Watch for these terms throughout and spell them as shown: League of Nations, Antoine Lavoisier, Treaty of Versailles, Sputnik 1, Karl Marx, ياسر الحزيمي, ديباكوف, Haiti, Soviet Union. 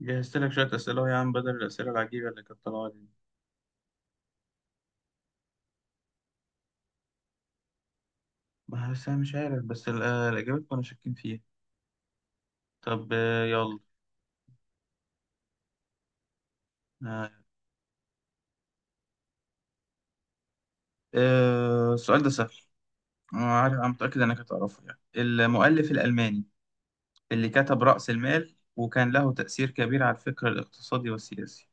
جهزت لك شوية أسئلة أهو يا عم، بدل الأسئلة العجيبة اللي كانت طالعة دي. ما بس أنا مش عارف، بس الإجابات كنا شاكين فيها. طب يلا. آه، السؤال ده سهل. أنا عارف، أنا متأكد إنك هتعرفه. يعني المؤلف الألماني اللي كتب رأس المال وكان له تأثير كبير على الفكر الاقتصادي والسياسي.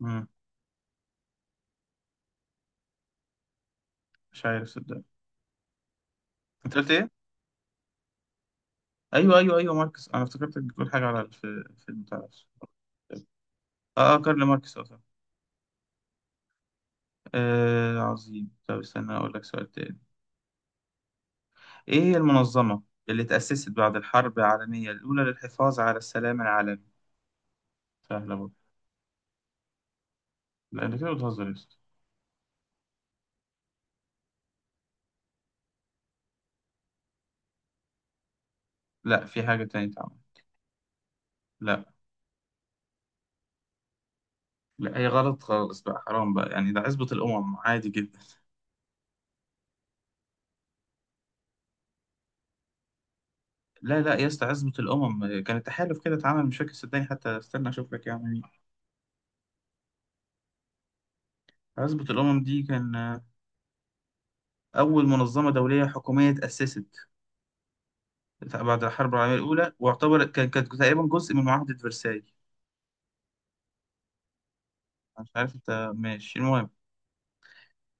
مم. مش عارف صدق. أنت قلت إيه؟ أيوه أيوه أيوه ماركس. أنا افتكرتك بتقول حاجة على في بتاع ده. آه كارل ماركس، أه صح. عظيم. طب استنى أقول لك سؤال تاني. إيه هي المنظمة اللي تأسست بعد الحرب العالمية الأولى للحفاظ على السلام العالمي؟ سهلة برضه. لا أنت كده بتهزر يا أسطى. لا، في حاجة تانية تعمل. لا. لا هي غلط خالص بقى، حرام بقى يعني، ده عزبة الأمم عادي جدا. لا لا يا اسطى، عزبة الأمم كان تحالف كده اتعمل، مش فاكر صدقني، حتى استنى أشوف لك يا عم مين. عزبة الأمم دي كان أول منظمة دولية حكومية تأسست بعد الحرب العالمية الأولى، واعتبرت كانت تقريبا جزء من معاهدة فرساي. مش عارف أنت ماشي، المهم.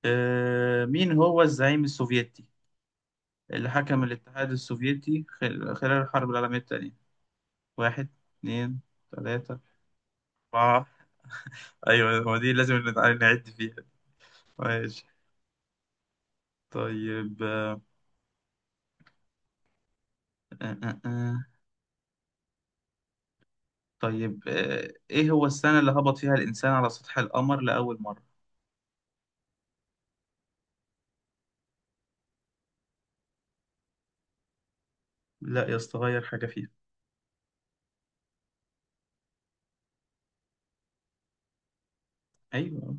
مين هو الزعيم السوفيتي اللي حكم الاتحاد السوفيتي خلال الحرب العالمية الثانية؟ واحد، اتنين، تلاتة، أربعة. أيوة هو دي، لازم نعد فيها. ماشي. طيب آه، آه. آه. طيب إيه هو السنة اللي هبط فيها الإنسان على سطح القمر لأول مرة؟ لا يا اسطى، غير حاجة فيها. أيوة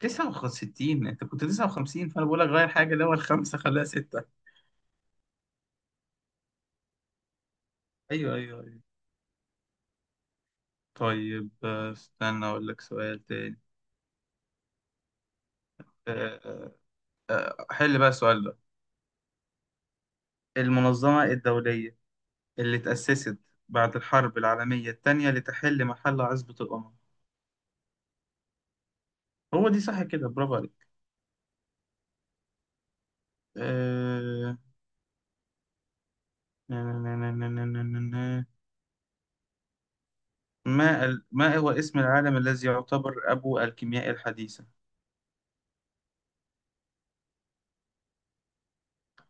69، أنت كنت 59، فأنا بقول لك غير حاجة، اللي هو الخمسة خليها ستة. أيوة أيوة أيوة. طيب استنى أقول لك سؤال تاني. آه، آه. حل بقى السؤال ده. المنظمة الدولية اللي اتأسست بعد الحرب العالمية التانية لتحل محل عزبة الأمم. هو دي صح كده، برافو عليك. آه، نا- نا- نا- نا- نا- نا- نا- نا. ما هو اسم العالم الذي يعتبر أبو الكيمياء الحديثة؟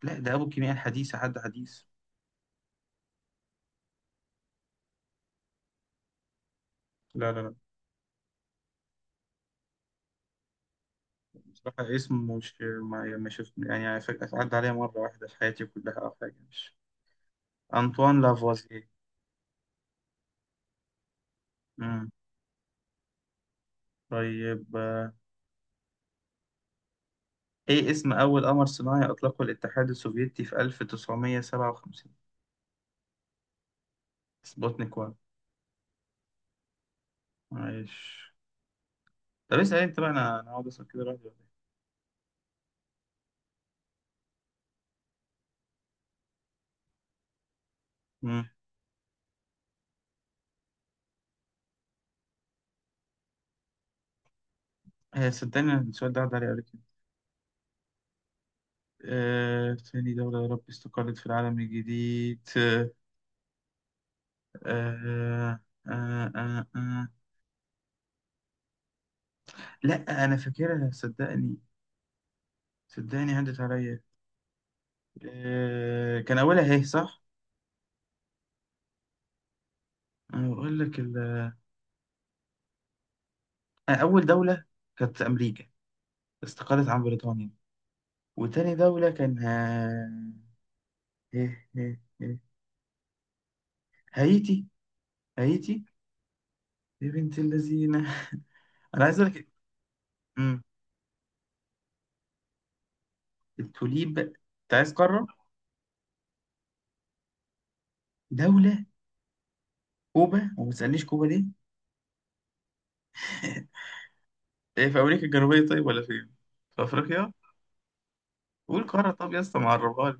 لا ده أبو الكيمياء الحديثة، حد حديث. لا لا لا. بصراحة اسم مش ما ما شفت يعني، عدى عليا مرة واحدة في حياتي كلها أو حاجة، مش أنطوان لافوازييه. مم. طيب، إيه اسم أول قمر صناعي أطلقه الاتحاد السوفيتي في 1957؟ سبوتنيك 1. معلش. طب اسأل أنت بقى، أنا هقعد أسأل كده لوحدي ولا إيه؟ مم. صدقني أنا السؤال ده عدى عليه قبل كده. ثاني دولة يا رب استقلت في العالم الجديد. آه آه آه آه. لا أنا فاكرها صدقني، صدقني عدت عليا. آه، كان أولها إيه صح؟ أنا بقول لك أول دولة كانت أمريكا، استقلت عن بريطانيا. وتاني دولة كان ها... إيه إيه إيه. هايتي. هايتي يا بنت اللذينة. أنا عايز أقول لك. أمم، التوليب، أنت عايز قارة؟ دولة. كوبا، وما تسألنيش كوبا ليه. إيه، في أمريكا الجنوبية طيب ولا فين؟ في أفريقيا؟ قول قارة، طب يا اسطى معرفها لي.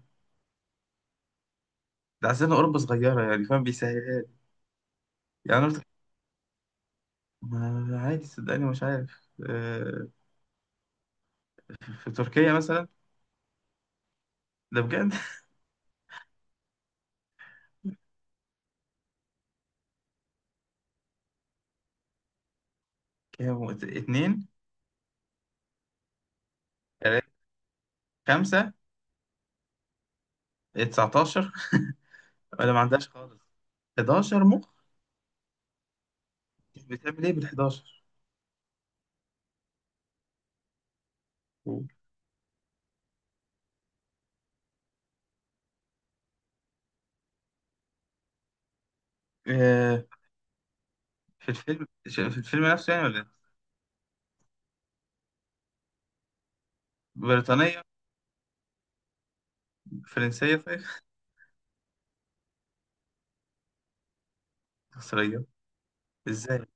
ده عشان أوروبا صغيرة يعني، فاهم بيسهلها. يعني أنا قلت، ما عادي صدقني مش عارف. في تركيا مثلا. ده بجد. كام، اتنين، تلاتة، خمسة، 19. انا ما عندهاش خالص. 11 مخ. بتعمل ايه بال 11؟ آه، في الفيلم في الفيلم نفسه يعني ولا إيه؟ بريطانية، فرنسية، طيب. مصرية، ازاي؟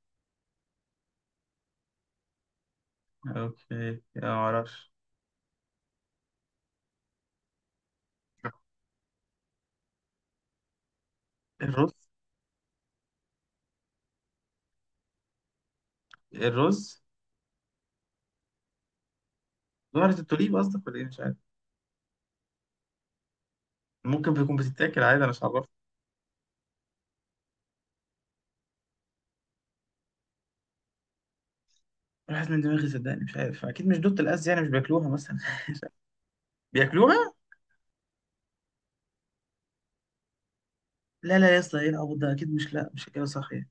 اوكي ما اعرفش. الرز، الرز. ظهرت التوليب قصدك ولا ايه، مش عارف. ممكن بيكون بتتاكل عادي، انا مش عارف. راحت من دماغي صدقني، مش عارف، اكيد مش دوت الاز يعني، مش بياكلوها مثلا. مش عارف. بياكلوها. لا لا يا اسطى، ايه العبط ده، اكيد مش، لا مش كده صح يعني.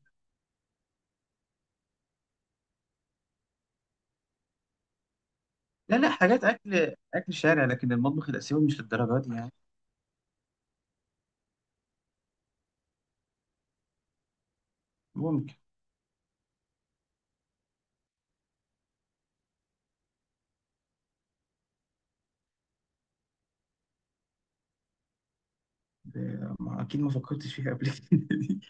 لا لا، حاجات اكل شارع، لكن المطبخ الاسيوي مش للدرجه دي يعني. ممكن. ما أكيد ما فكرتش فيها قبل. كده دي.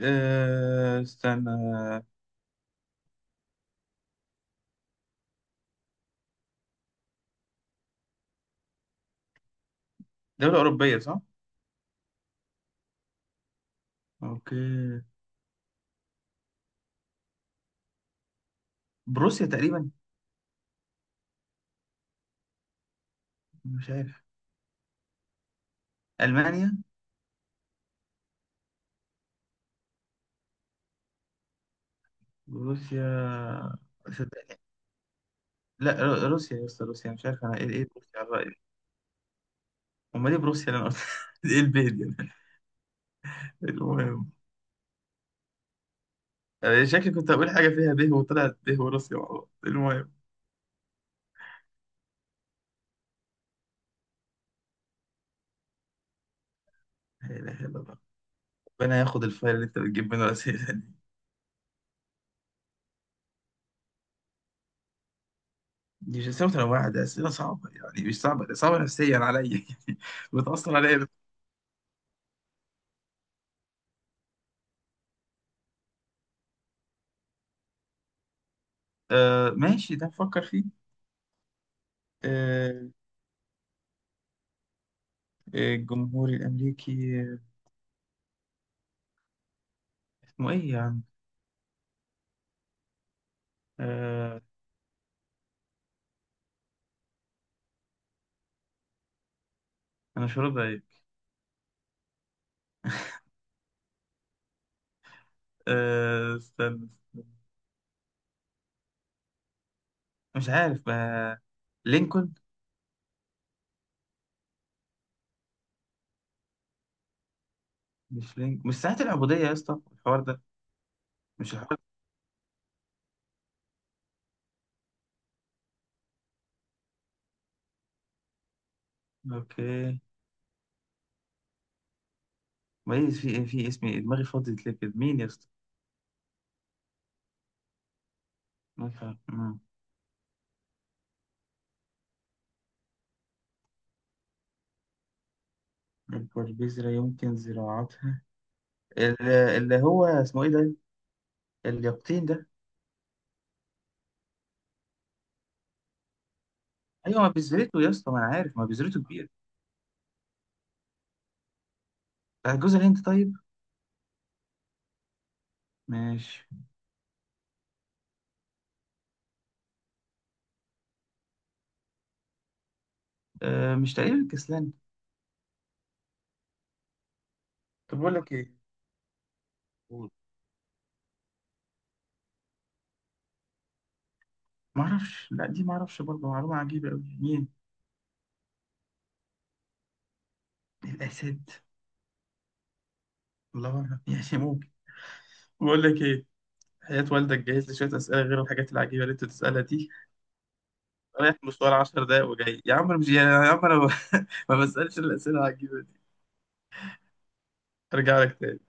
استنى. دولة أوروبية صح؟ أوكي. بروسيا تقريبا، مش عارف. ألمانيا. بروسيا. صدق- لا روسيا يا اسطى، روسيا، مش عارف أنا إيه، إيه بروسيا على الرأي. أمال إيه بروسيا اللي أنا قلت؟ إيه البيه دي. المهم. شكلي كنت هقول حاجة فيها به، وطلعت به وروسيا مع بعض. المهم، لا إله إلا الله، ربنا ياخد الفايل اللي أنت بتجيب منه الأسئلة دي. دي مش أسئلة متنوعة، ده أسئلة صعبة يعني، مش صعبة ده، صعبة نفسيا عليا. يعني بتأثر عليا. آه ماشي، ده نفكر فيه. آه، الجمهوري الأمريكي. اسمه إيه يا عم؟ آه، أنا مش راضي عليك. آه استنى استنى، مش عارف، آه لينكولن. مش لينكولن، مش ساعة العبودية يا اسطى الحوار ده، مش الحوار ده. أوكي. ميز في إيه، في اسمي إيه؟ دماغي فاضية ليه كده، مين يا اسطى؟ ما فا- مم. البربيزرة يمكن زراعتها. اللي هو اسمه إيه ده؟ اليقطين ده. أيوه ما بذرته يا اسطى، ما أنا عارف ما بذرته كبير. بتاع جوز الهند طيب؟ ماشي. مش تقريبا الكسلان. طب بقول لك ايه، قول. ما اعرفش. لا دي ما اعرفش برضه، معلومه عجيبه قوي يعني. ايه الاسد؟ الله اعلم. يعني ممكن. بقول لك ايه، حياة والدك جهز لي شوية أسئلة غير الحاجات العجيبة اللي أنت بتسألها دي. رايح مشوار 10 دقايق وجاي يا عم، أنا مش يعني يا عم أنا ما ما بسألش الأسئلة العجيبة دي. أرجع لك تاني.